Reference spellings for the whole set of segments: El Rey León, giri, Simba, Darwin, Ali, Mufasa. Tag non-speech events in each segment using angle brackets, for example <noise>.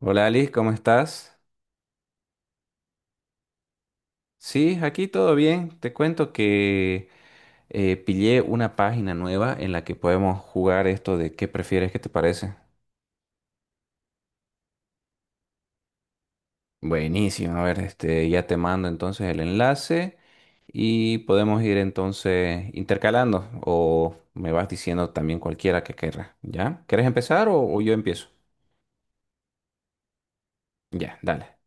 Hola Ali, ¿cómo estás? Sí, aquí todo bien. Te cuento que pillé una página nueva en la que podemos jugar esto de qué prefieres, ¿qué te parece? Buenísimo, a ver, este, ya te mando entonces el enlace y podemos ir entonces intercalando o me vas diciendo también cualquiera que querrá. ¿Ya? ¿Quieres empezar o yo empiezo? Ya, dale.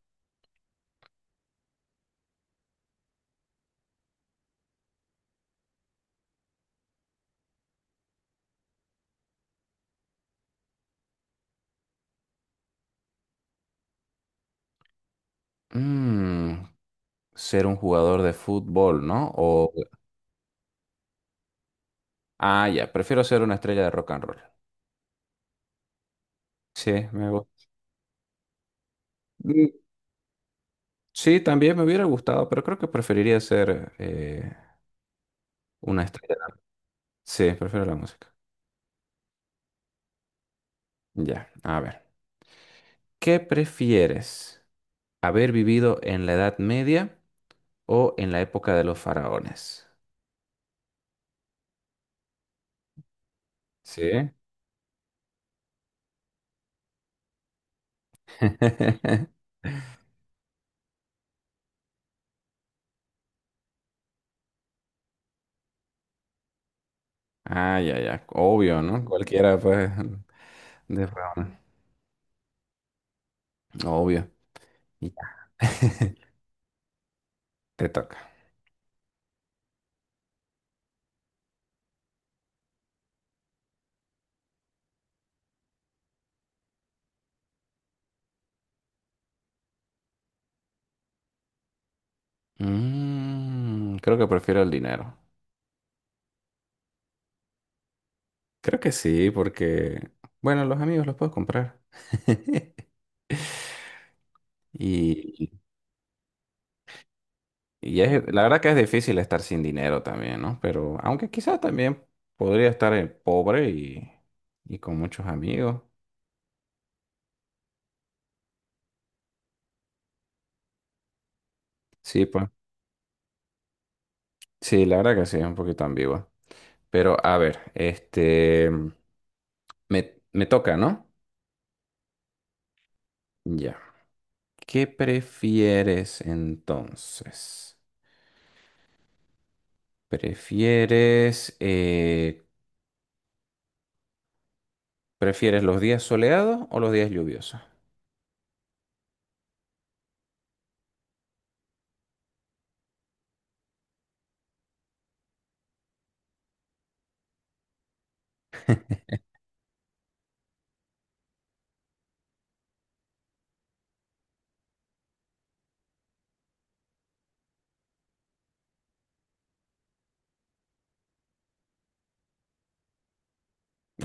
Mm, ser un jugador de fútbol, ¿no? O, ah, ya, prefiero ser una estrella de rock and roll. Sí, me gusta. Mm, sí, también me hubiera gustado, pero creo que preferiría ser una estrella. Sí, prefiero la música. Ya, a ver. ¿Qué prefieres? ¿Haber vivido en la Edad Media o en la época de los faraones? Sí. <laughs> Ah, ya, ya. Obvio, ¿no? Cualquiera, pues, de faraones. Obvio. Y <laughs> Te toca. Mm, creo que prefiero el dinero. Creo que sí, porque, bueno, los amigos los puedo comprar. <laughs> Y, y es, la verdad que es difícil estar sin dinero también, ¿no? Pero aunque quizás también podría estar pobre y con muchos amigos. Sí, pues. Sí, la verdad que sí, es un poquito ambigua. Pero a ver, este, me toca, ¿no? Ya. ¿Qué prefieres entonces? ¿Prefieres, prefieres los días soleados o los días lluviosos?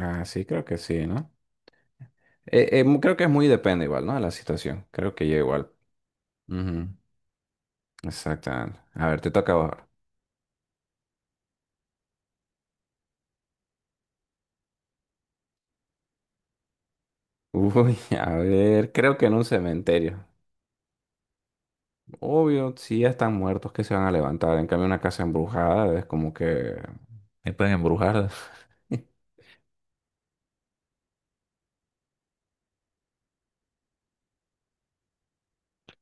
Ah, sí, creo que sí, ¿no? Creo que es muy depende igual, ¿no? De la situación. Creo que yo igual. Ujú, exactamente. A ver, te toca ahora. <laughs> Uy, a ver, creo que en un cementerio. Obvio, si ya están muertos, ¿que se van a levantar? En cambio, una casa embrujada es como que me pueden embrujar. <laughs>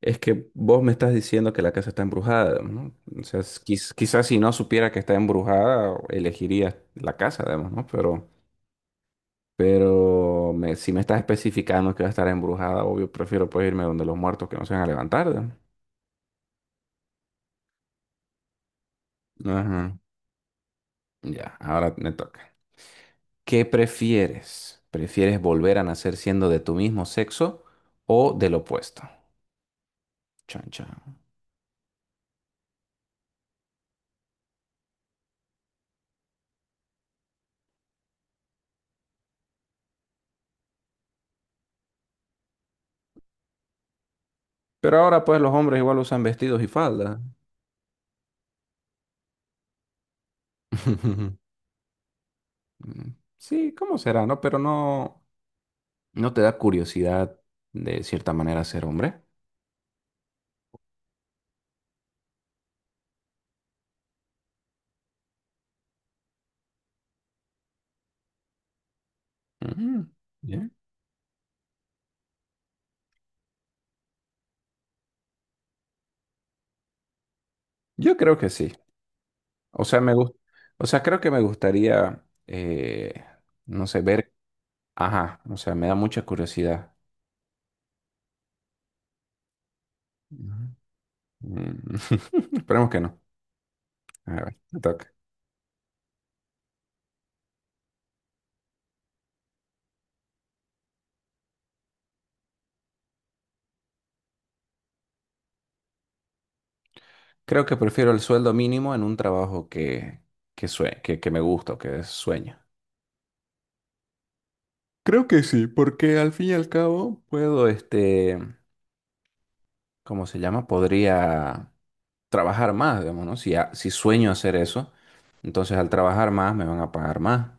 Es que vos me estás diciendo que la casa está embrujada, ¿no? O sea, quizás si no supiera que está embrujada, elegiría la casa, además, ¿no? Pero, si me estás especificando que va a estar embrujada, obvio, prefiero pues irme donde los muertos que no se van a levantar, ¿no? Ajá. Ya, ahora me toca. ¿Qué prefieres? ¿Prefieres volver a nacer siendo de tu mismo sexo o del opuesto? Chan, chan. Pero ahora pues los hombres igual usan vestidos y faldas. <laughs> Mm, sí, ¿cómo será, no? Pero no, ¿no te da curiosidad de cierta manera ser hombre? Ujú, bien. Yo creo que sí. O sea, me gus- o sea, creo que me gustaría, no sé, ver, ajá, o sea, me da mucha curiosidad. Ujú. Mm, <laughs> esperemos que no. A ver, me toca. Creo que prefiero el sueldo mínimo en un trabajo que me gusta o que es sueño. Creo que sí, porque al fin y al cabo puedo, este, ¿cómo se llama? Podría trabajar más, digamos, ¿no? Si sueño hacer eso, entonces al trabajar más me van a pagar más.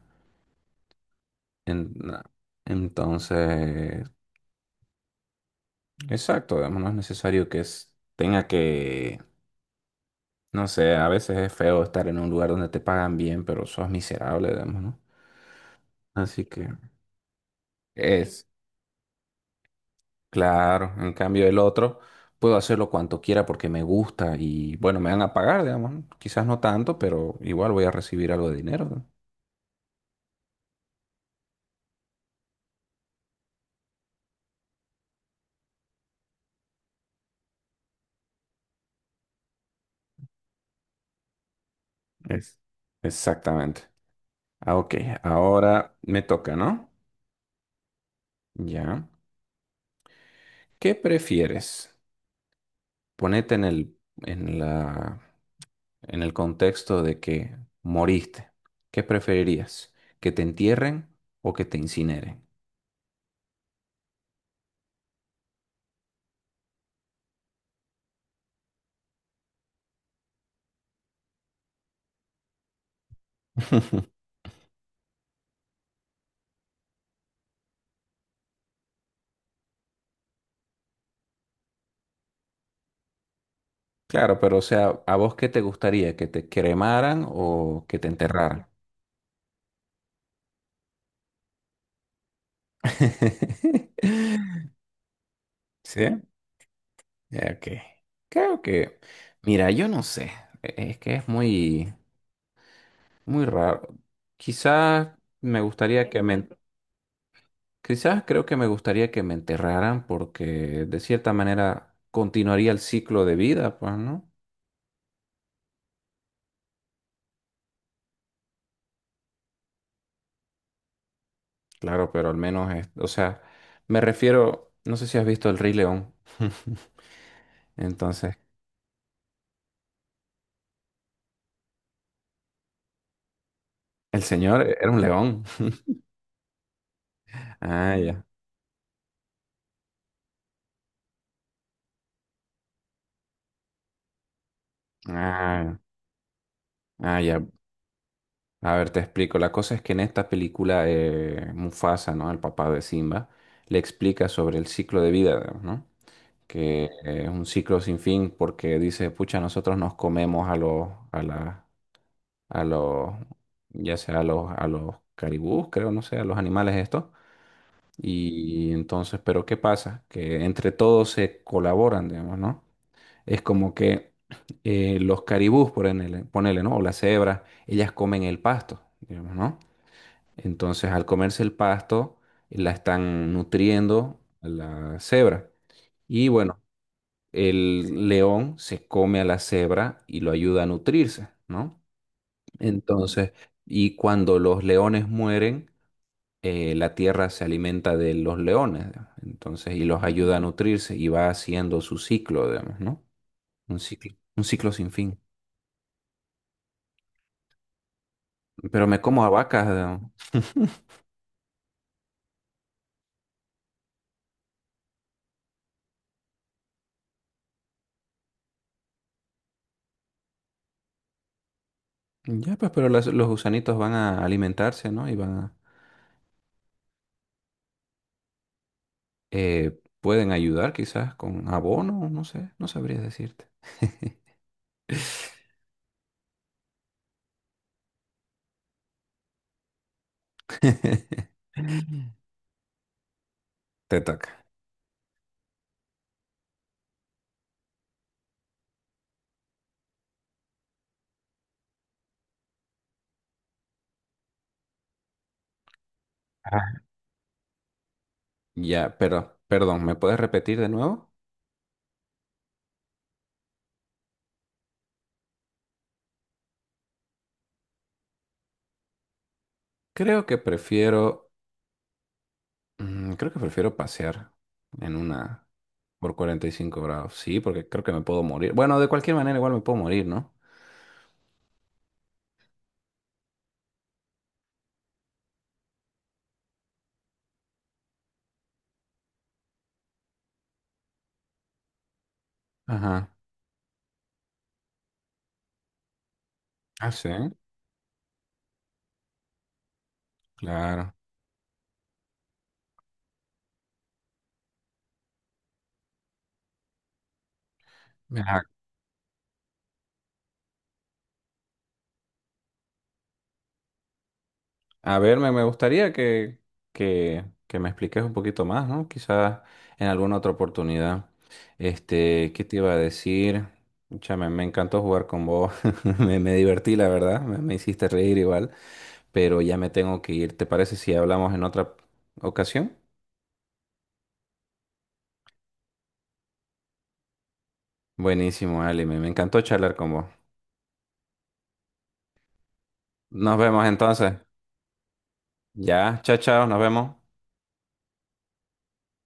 En- entonces, exacto, digamos, no es necesario que tenga que, no sé, a veces es feo estar en un lugar donde te pagan bien, pero sos miserable, digamos, ¿no? Así que... Es, claro, en cambio el otro puedo hacerlo cuanto quiera porque me gusta y bueno, me van a pagar, digamos, ¿no? Quizás no tanto, pero igual voy a recibir algo de dinero. ¿No? Es. Exactamente. Ah, ok, ahora me toca, ¿no? Ya. ¿Qué prefieres? Ponete en el contexto de que moriste. ¿Qué preferirías? ¿Que te entierren o que te incineren? <laughs> Claro, pero o sea, ¿a vos qué te gustaría? ¿Que te cremaran o que te enterraran? <laughs> ¿Sí? Ya, ok. Creo que, mira, yo no sé. Es que es muy, muy raro. Quizás me gustaría que me, quizás creo que me gustaría que me enterraran porque de cierta manera continuaría el ciclo de vida, pues, ¿no? Claro, pero al menos es, o sea, me refiero, no sé si has visto El Rey León. <laughs> Entonces, el señor era un león. Ah, ya. Ah, ah, ya. A ver, te explico. La cosa es que en esta película Mufasa, ¿no? El papá de Simba, le explica sobre el ciclo de vida, ¿no? Que es un ciclo sin fin porque dice, pucha, nosotros nos comemos a los, a la, a los, ya sea a los caribús, creo, no sé, a los animales estos. Y entonces, pero ¿qué pasa? Que entre todos se colaboran, digamos, ¿no? Es como que los caribús, ponele, ¿no? O las cebras, ellas comen el pasto, digamos, ¿no? Entonces, al comerse el pasto, la están nutriendo a la cebra. Y bueno, el león se come a la cebra y lo ayuda a nutrirse, ¿no? Entonces, y cuando los leones mueren, la tierra se alimenta de los leones, digamos. Entonces, y los ayuda a nutrirse y va haciendo su ciclo, digamos, ¿no? Un ciclo sin fin. Pero me como a vacas. ¿No? Ya, pues, pero los gusanitos van a alimentarse, ¿no? Y van a... pueden ayudar quizás con abono, no sé, no sabría decirte. <laughs> Te toca. Ah. Ya, pero, perdón, ¿me puedes repetir de nuevo? Creo que prefiero, mm, creo que prefiero pasear en una por 45 grados. Sí, porque creo que me puedo morir. Bueno, de cualquier manera igual me puedo morir, ¿no? Ajá. Ah, sí, claro. A ver, me gustaría que me expliques un poquito más, ¿no? Quizás en alguna otra oportunidad. Este, ¿qué te iba a decir? Pucha, me encantó jugar con vos. <laughs> Me divertí, la verdad. Me hiciste reír igual. Pero ya me tengo que ir. ¿Te parece si hablamos en otra ocasión? Buenísimo, Ali. Me encantó charlar con vos. Nos vemos entonces. Ya, chao, chao. Nos vemos.